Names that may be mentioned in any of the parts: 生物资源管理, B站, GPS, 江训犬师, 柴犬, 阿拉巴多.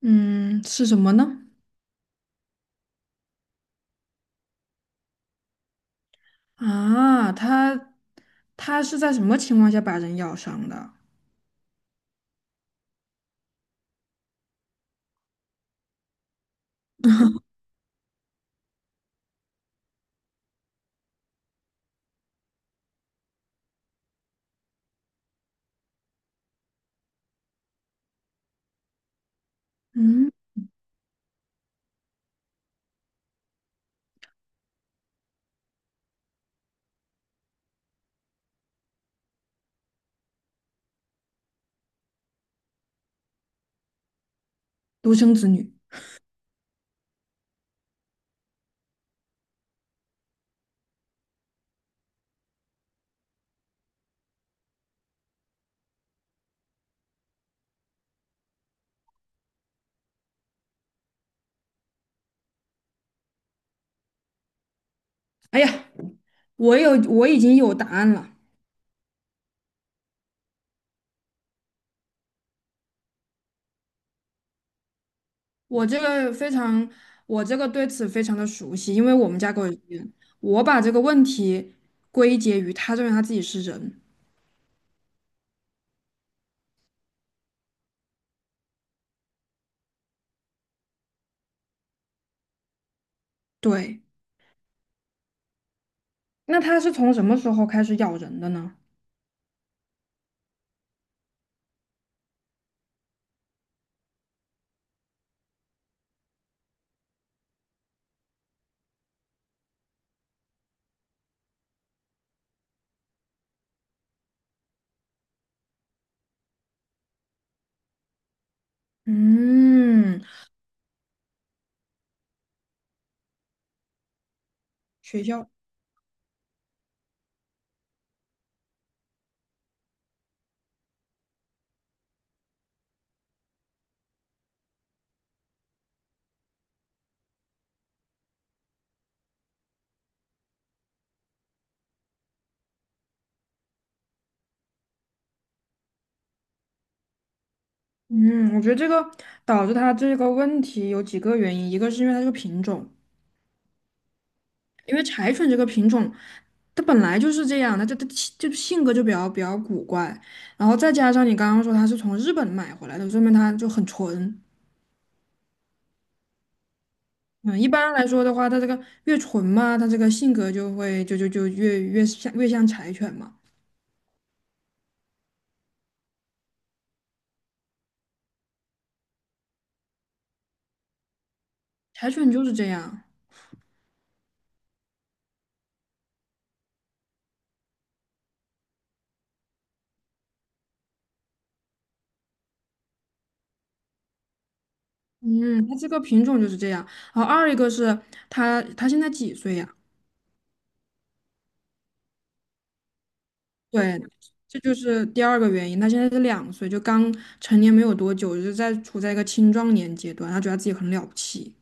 嗯，是什么呢？啊，它是在什么情况下把人咬伤的？嗯，独生子女。哎呀，我已经有答案了。我这个非常，我这个对此非常的熟悉，因为我们家狗也是这样。我把这个问题归结于他认为他自己是人。对，那他是从什么时候开始咬人的呢？嗯，学校。嗯，我觉得这个导致他这个问题有几个原因，一个是因为它这个品种。因为柴犬这个品种，它本来就是这样的，它就性格就比较古怪，然后再加上你刚刚说它是从日本买回来的，说明它就很纯。嗯，一般来说的话，它这个越纯嘛，它这个性格就会就就就越像柴犬嘛。柴犬就是这样，嗯，它这个品种就是这样。然后二一个是它现在几岁呀？对，这就是第二个原因。他现在是两岁，就刚成年没有多久，就在处在一个青壮年阶段，他觉得自己很了不起。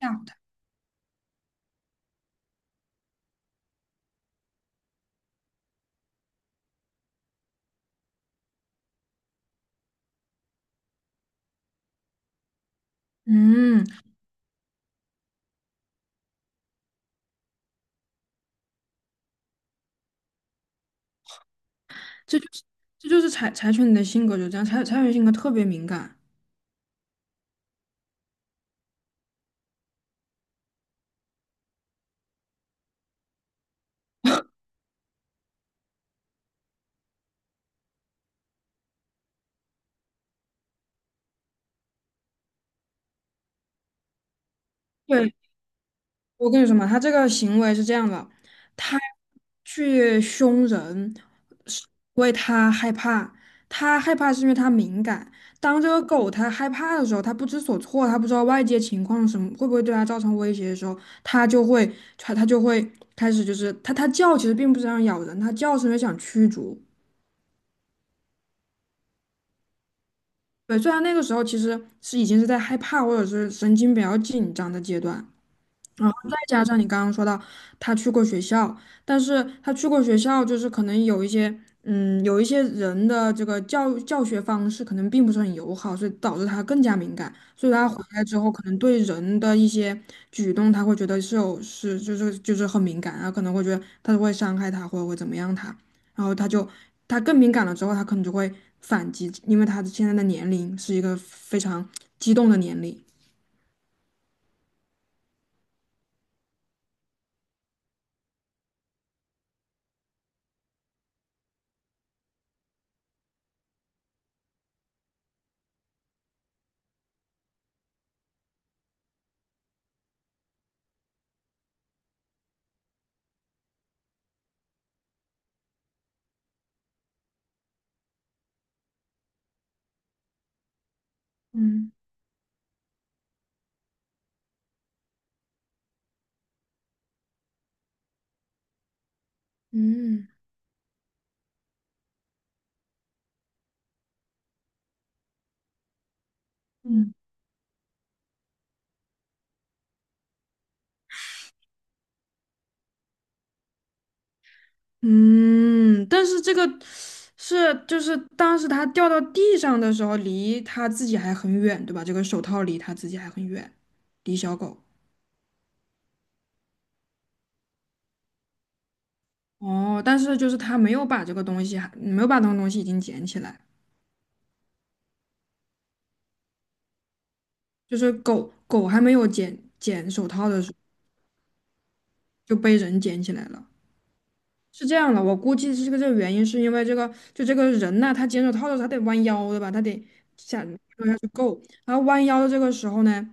这样的。嗯，这就是这就是柴柴犬的性格就这样，柴柴犬性格特别敏感。对，我跟你说嘛，它这个行为是这样的，它去凶人是因为它害怕，它害怕是因为它敏感。当这个狗它害怕的时候，它不知所措，它不知道外界情况什么会不会对它造成威胁的时候，它就会它就会开始就是它叫，其实并不是想咬人，它叫是因为想驱逐。对，虽然那个时候其实是已经是在害怕或者是神经比较紧张的阶段。然后再加上你刚刚说到他去过学校，但是他去过学校，就是可能有一些，嗯，有一些人的这个教学方式可能并不是很友好，所以导致他更加敏感，所以他回来之后，可能对人的一些举动，他会觉得是有是就是就是很敏感，然后可能会觉得他会伤害他，或者会怎么样他，然后他就他更敏感了之后，他可能就会反击，因为他现在的年龄是一个非常激动的年龄。嗯嗯，嗯。嗯，但是这个是就是当时它掉到地上的时候，离它自己还很远，对吧？这个手套离它自己还很远，离小狗。哦，但是就是它没有把这个东西还没有把那个东西已经捡起来，就是狗狗还没有捡手套的时候就被人捡起来了。是这样的，我估计是这个原因，是因为这个就这个人呐、他捡手套的时候他得弯腰，对吧？他得下，然后弯腰的这个时候呢。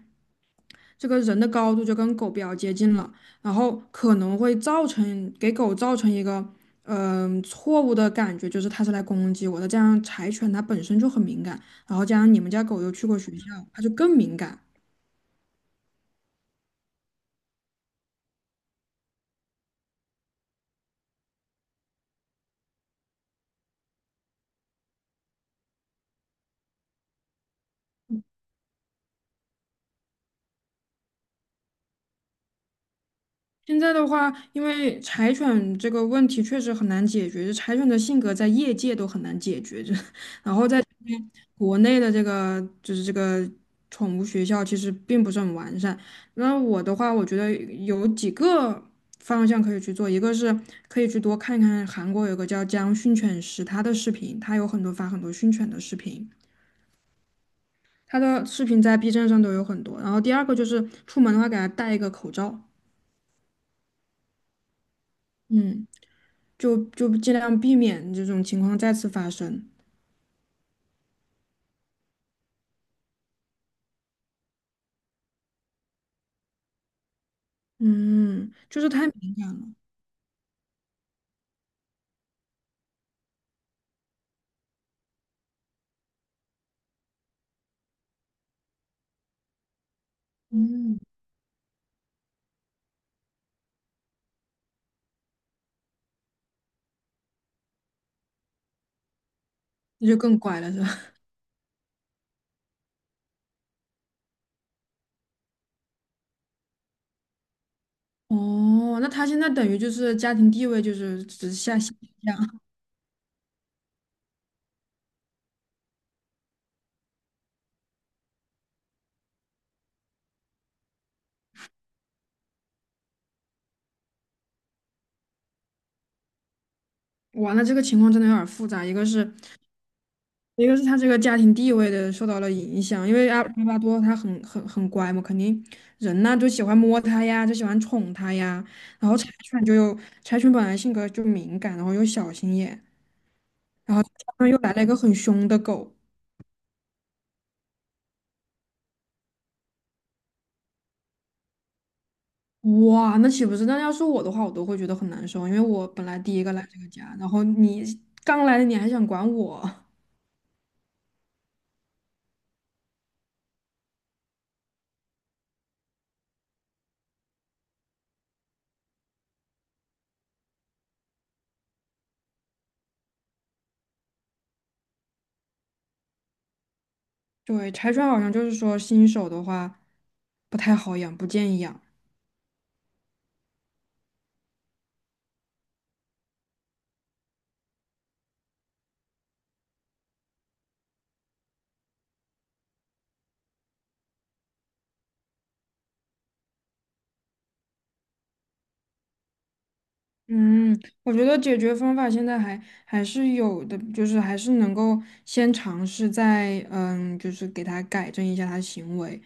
这个人的高度就跟狗比较接近了，然后可能会造成给狗造成一个嗯、错误的感觉，就是它是来攻击我的。这样柴犬它本身就很敏感，然后加上你们家狗又去过学校，它就更敏感。现在的话，因为柴犬这个问题确实很难解决，柴犬的性格在业界都很难解决，就 然后在国内的这个宠物学校其实并不是很完善。那我的话，我觉得有几个方向可以去做，一个是可以去多看看韩国有个叫江训犬师他的视频，他有很多发很多训犬的视频，他的视频在 B 站上都有很多。然后第二个就是出门的话，给他戴一个口罩，嗯，就尽量避免这种情况再次发生。嗯，就是太，嗯，那就更乖了，是吧？哦，那他现在等于就是家庭地位就是只下降，哇，那这个情况真的有点儿复杂，一个是他这个家庭地位的受到了影响，因为阿拉巴多他很乖嘛，肯定人呐就喜欢摸它呀，就喜欢宠它呀，然后柴犬本来性格就敏感，然后又小心眼，然后加上又来了一个很凶的狗，哇，那岂不是？那要是我的话，我都会觉得很难受，因为我本来第一个来这个家，然后你刚来的你还想管我。对，柴犬好像就是说新手的话不太好养，不建议养。嗯，我觉得解决方法现在还是有的，就是还是能够先尝试在嗯，就是给它改正一下它的行为，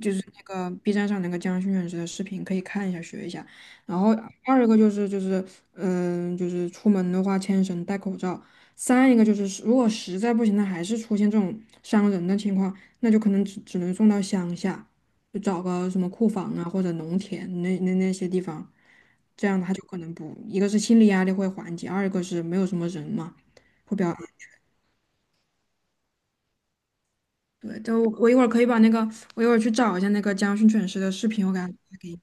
就是那个 B 站上那个江训犬师的视频可以看一下学一下。然后二一个就是嗯，就是出门的话牵绳戴口罩。三一个就是如果实在不行，它还是出现这种伤人的情况，那就可能只能送到乡下。就找个什么库房啊或者农田那些地方，这样他就可能不，一个是心理压力会缓解，二一个是没有什么人嘛，会比较安对，就我一会儿可以把那个，我一会儿去找一下那个江训犬师的视频，我给他发给你。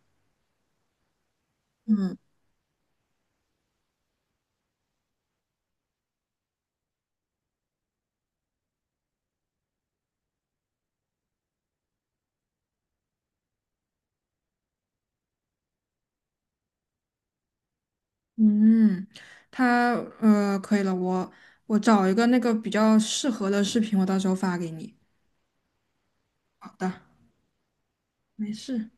嗯，他呃可以了，我我找一个那个比较适合的视频，我到时候发给你。好的，没事。